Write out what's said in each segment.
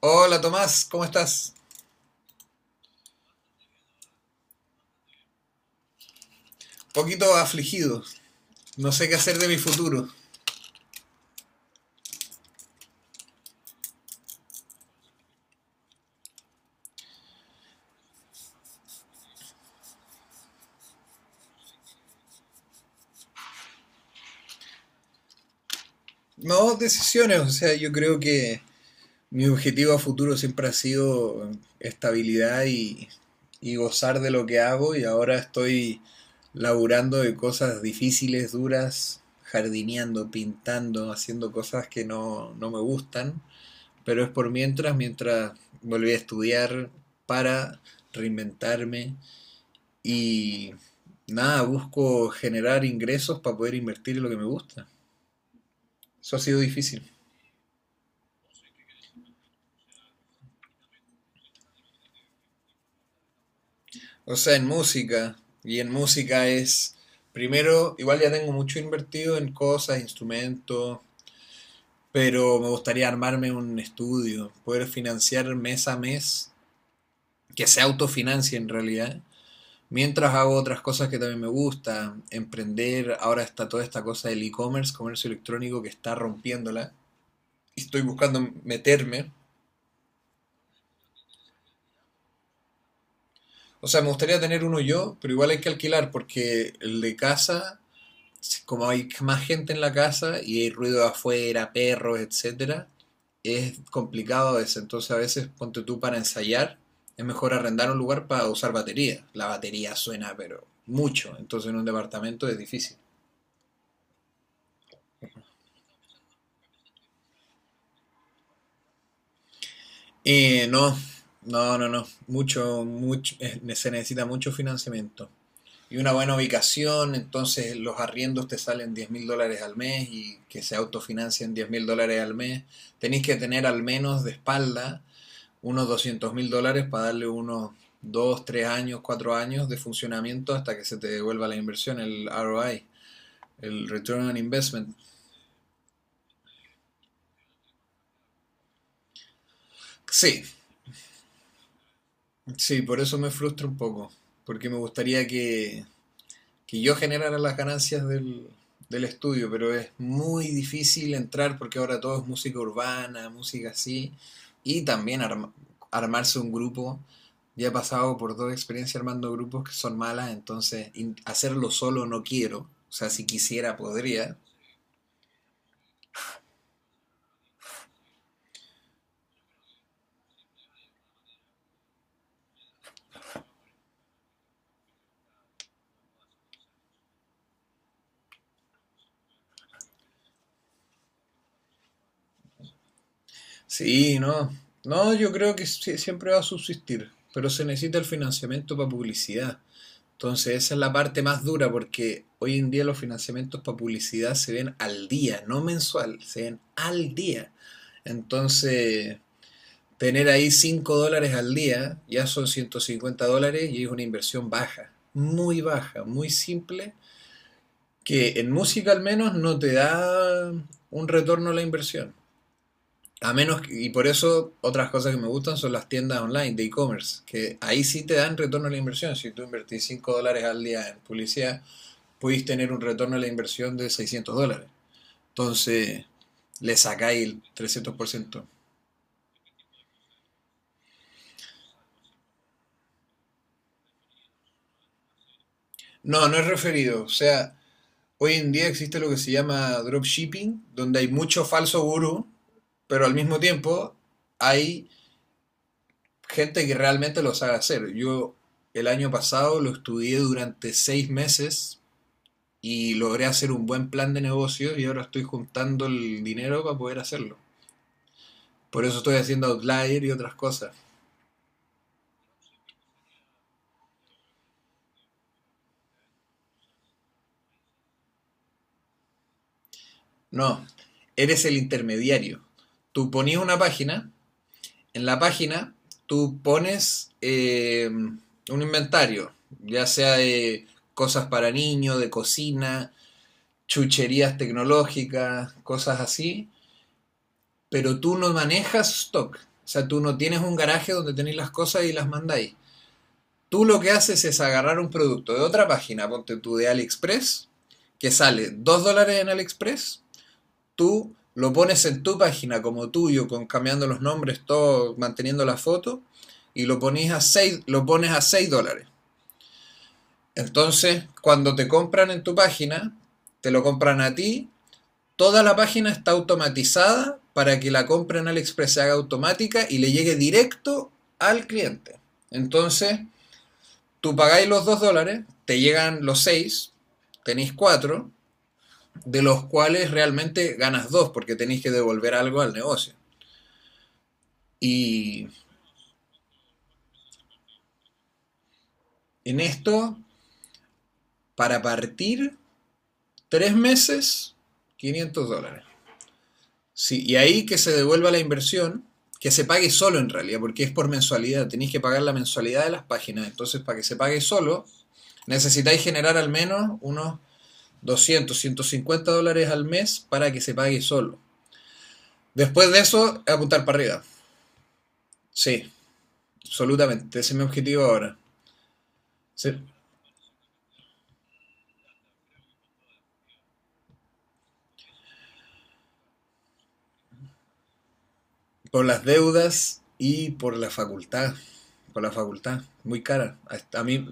Hola Tomás, ¿cómo estás? Poquito afligido, no sé qué hacer de mi futuro. No, decisiones, o sea, yo creo que mi objetivo a futuro siempre ha sido estabilidad y gozar de lo que hago y ahora estoy laburando de cosas difíciles, duras, jardineando, pintando, haciendo cosas que no, no me gustan, pero es por mientras, mientras volví a estudiar para reinventarme. Y nada, busco generar ingresos para poder invertir en lo que me gusta. Eso ha sido difícil. O sea, en música. Y en música es, primero, igual ya tengo mucho invertido en cosas, instrumentos, pero me gustaría armarme un estudio, poder financiar mes a mes, que se autofinancie en realidad. Mientras hago otras cosas que también me gustan, emprender, ahora está toda esta cosa del e-commerce, comercio electrónico que está rompiéndola. Y estoy buscando meterme. O sea, me gustaría tener uno yo, pero igual hay que alquilar porque el de casa, como hay más gente en la casa y hay ruido de afuera, perros, etcétera, es complicado a veces. Entonces, a veces ponte tú para ensayar, es mejor arrendar un lugar para usar batería. La batería suena, pero mucho. Entonces, en un departamento es difícil. Y no, no, no, no. Mucho, mucho, se necesita mucho financiamiento y una buena ubicación. Entonces los arriendos te salen $10.000 al mes y que se autofinancien $10.000 al mes, tenéis que tener al menos de espalda unos $200.000 para darle unos 2 3 años, 4 años de funcionamiento hasta que se te devuelva la inversión, el ROI, el Return on Investment. Sí, sí, por eso me frustra un poco, porque me gustaría que yo generara las ganancias del estudio, pero es muy difícil entrar porque ahora todo es música urbana, música así, y también armarse un grupo. Ya he pasado por dos experiencias armando grupos que son malas, entonces hacerlo solo no quiero. O sea, si quisiera podría. Sí, no. No, yo creo que siempre va a subsistir, pero se necesita el financiamiento para publicidad. Entonces, esa es la parte más dura porque hoy en día los financiamientos para publicidad se ven al día, no mensual, se ven al día. Entonces, tener ahí $5 al día ya son $150 y es una inversión baja, muy simple, que en música al menos no te da un retorno a la inversión. A menos, y por eso otras cosas que me gustan son las tiendas online de e-commerce, que ahí sí te dan retorno a la inversión. Si tú invertís $5 al día en publicidad, podéis tener un retorno a la inversión de $600. Entonces, le sacáis el 300%. No, no es referido. O sea, hoy en día existe lo que se llama dropshipping, donde hay mucho falso gurú, pero al mismo tiempo hay gente que realmente lo sabe hacer. Yo el año pasado lo estudié durante 6 meses y logré hacer un buen plan de negocios y ahora estoy juntando el dinero para poder hacerlo. Por eso estoy haciendo outlier y otras cosas. No, eres el intermediario. Tú pones una página, en la página tú pones un inventario, ya sea de cosas para niños, de cocina, chucherías tecnológicas, cosas así, pero tú no manejas stock. O sea, tú no tienes un garaje donde tenéis las cosas y las mandáis. Tú lo que haces es agarrar un producto de otra página, ponte tú de AliExpress, que sale $2 en AliExpress. Tú lo pones en tu página como tuyo, con cambiando los nombres, todo, manteniendo la foto, y lo, pones a 6, lo pones a $6. Entonces, cuando te compran en tu página, te lo compran a ti, toda la página está automatizada para que la compra en AliExpress se haga automática y le llegue directo al cliente. Entonces, tú pagáis los $2, te llegan los 6, tenéis 4, de los cuales realmente ganas 2 porque tenéis que devolver algo al negocio. Y en esto, para partir, 3 meses, $500. Sí, y ahí que se devuelva la inversión, que se pague solo en realidad, porque es por mensualidad. Tenéis que pagar la mensualidad de las páginas. Entonces, para que se pague solo, necesitáis generar al menos unos doscientos ciento cincuenta dólares al mes para que se pague solo. Después de eso, apuntar para arriba. Sí, absolutamente. Ese es mi objetivo ahora. Sí. Por las deudas y por la facultad. Por la facultad. Muy cara. A mí,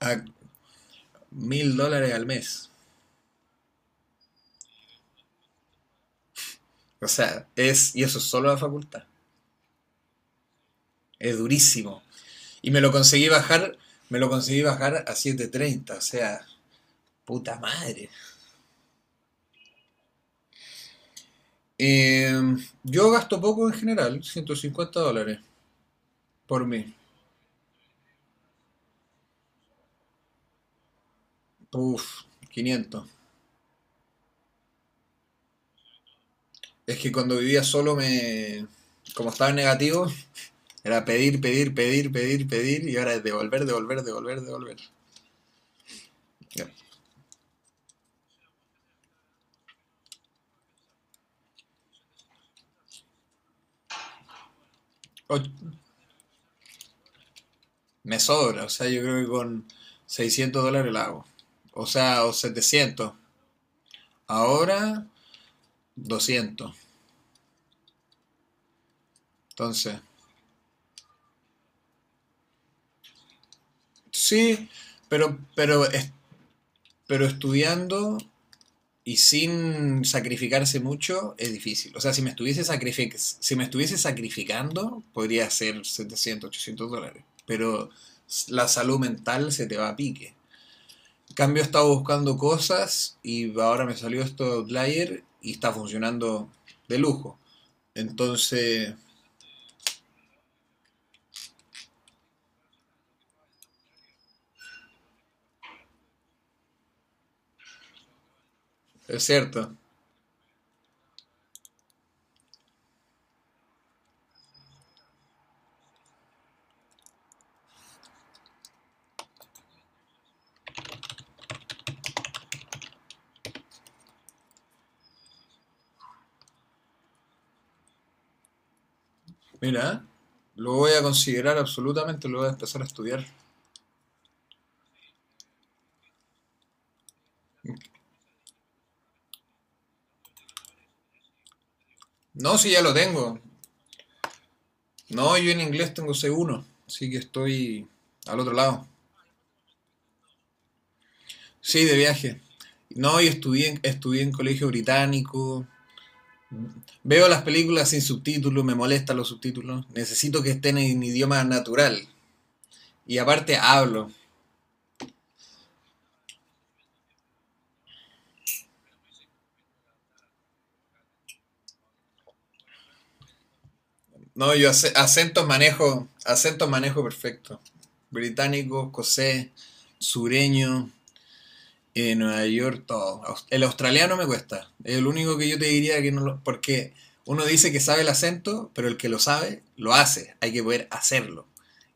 a $1.000 al mes. O sea, es. Y eso es solo la facultad. Es durísimo. Y me lo conseguí bajar. Me lo conseguí bajar a 7.30. O sea, puta madre. Eh, yo gasto poco en general. $150 por mí. Uf, 500. Es que cuando vivía solo me. Como estaba en negativo, era pedir, pedir, pedir, pedir, pedir y ahora es devolver, devolver, devolver, devolver. Ya. O- me sobra, o sea, yo creo que con $600 la hago. O sea, o 700. Ahora 200. Entonces, sí, pero, pero, es- pero estudiando y sin sacrificarse mucho es difícil. O sea, si me estuviese sacrificando, podría ser 700 800 dólares. Pero la salud mental se te va a pique. Cambio estaba buscando cosas y ahora me salió esto de Outlier y está funcionando de lujo. Entonces, es cierto. Mira, lo voy a considerar absolutamente, lo voy a empezar a estudiar. No, si ya lo tengo. No, yo en inglés tengo C1, así que estoy al otro lado. Sí, de viaje. No, yo estudié, estudié en colegio británico. Veo las películas sin subtítulos, me molestan los subtítulos. Necesito que estén en idioma natural. Y aparte hablo. No, yo acentos manejo perfecto. Británico, escocés, sureño, Nueva York, todo. El australiano me cuesta. Es el único que yo te diría que no lo... Porque uno dice que sabe el acento, pero el que lo sabe, lo hace. Hay que poder hacerlo.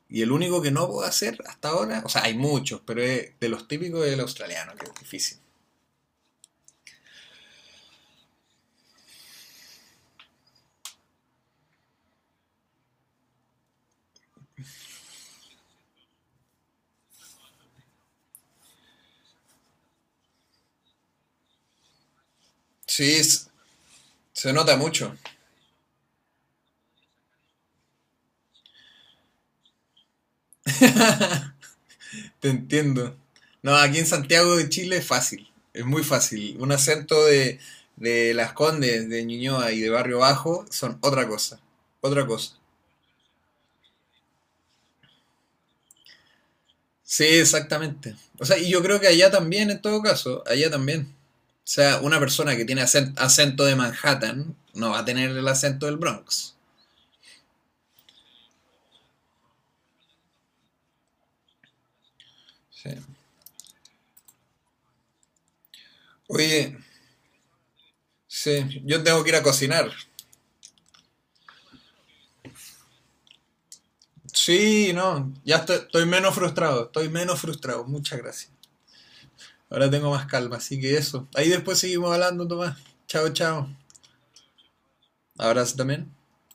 Y el único que no puedo hacer hasta ahora, o sea, hay muchos, pero es de los típicos es el australiano, que es difícil. Sí, se nota mucho. Te entiendo. No, aquí en Santiago de Chile es fácil, es muy fácil. Un acento de, Las Condes, de Ñuñoa y de Barrio Bajo son otra cosa, otra cosa. Sí, exactamente. O sea, y yo creo que allá también, en todo caso, allá también. O sea, una persona que tiene acento de Manhattan no va a tener el acento del Bronx. Sí. Oye, sí, yo tengo que ir a cocinar. Sí, no, ya estoy menos frustrado, estoy menos frustrado. Muchas gracias. Ahora tengo más calma, así que eso. Ahí después seguimos hablando, Tomás. Chao, chao. Abrazo también.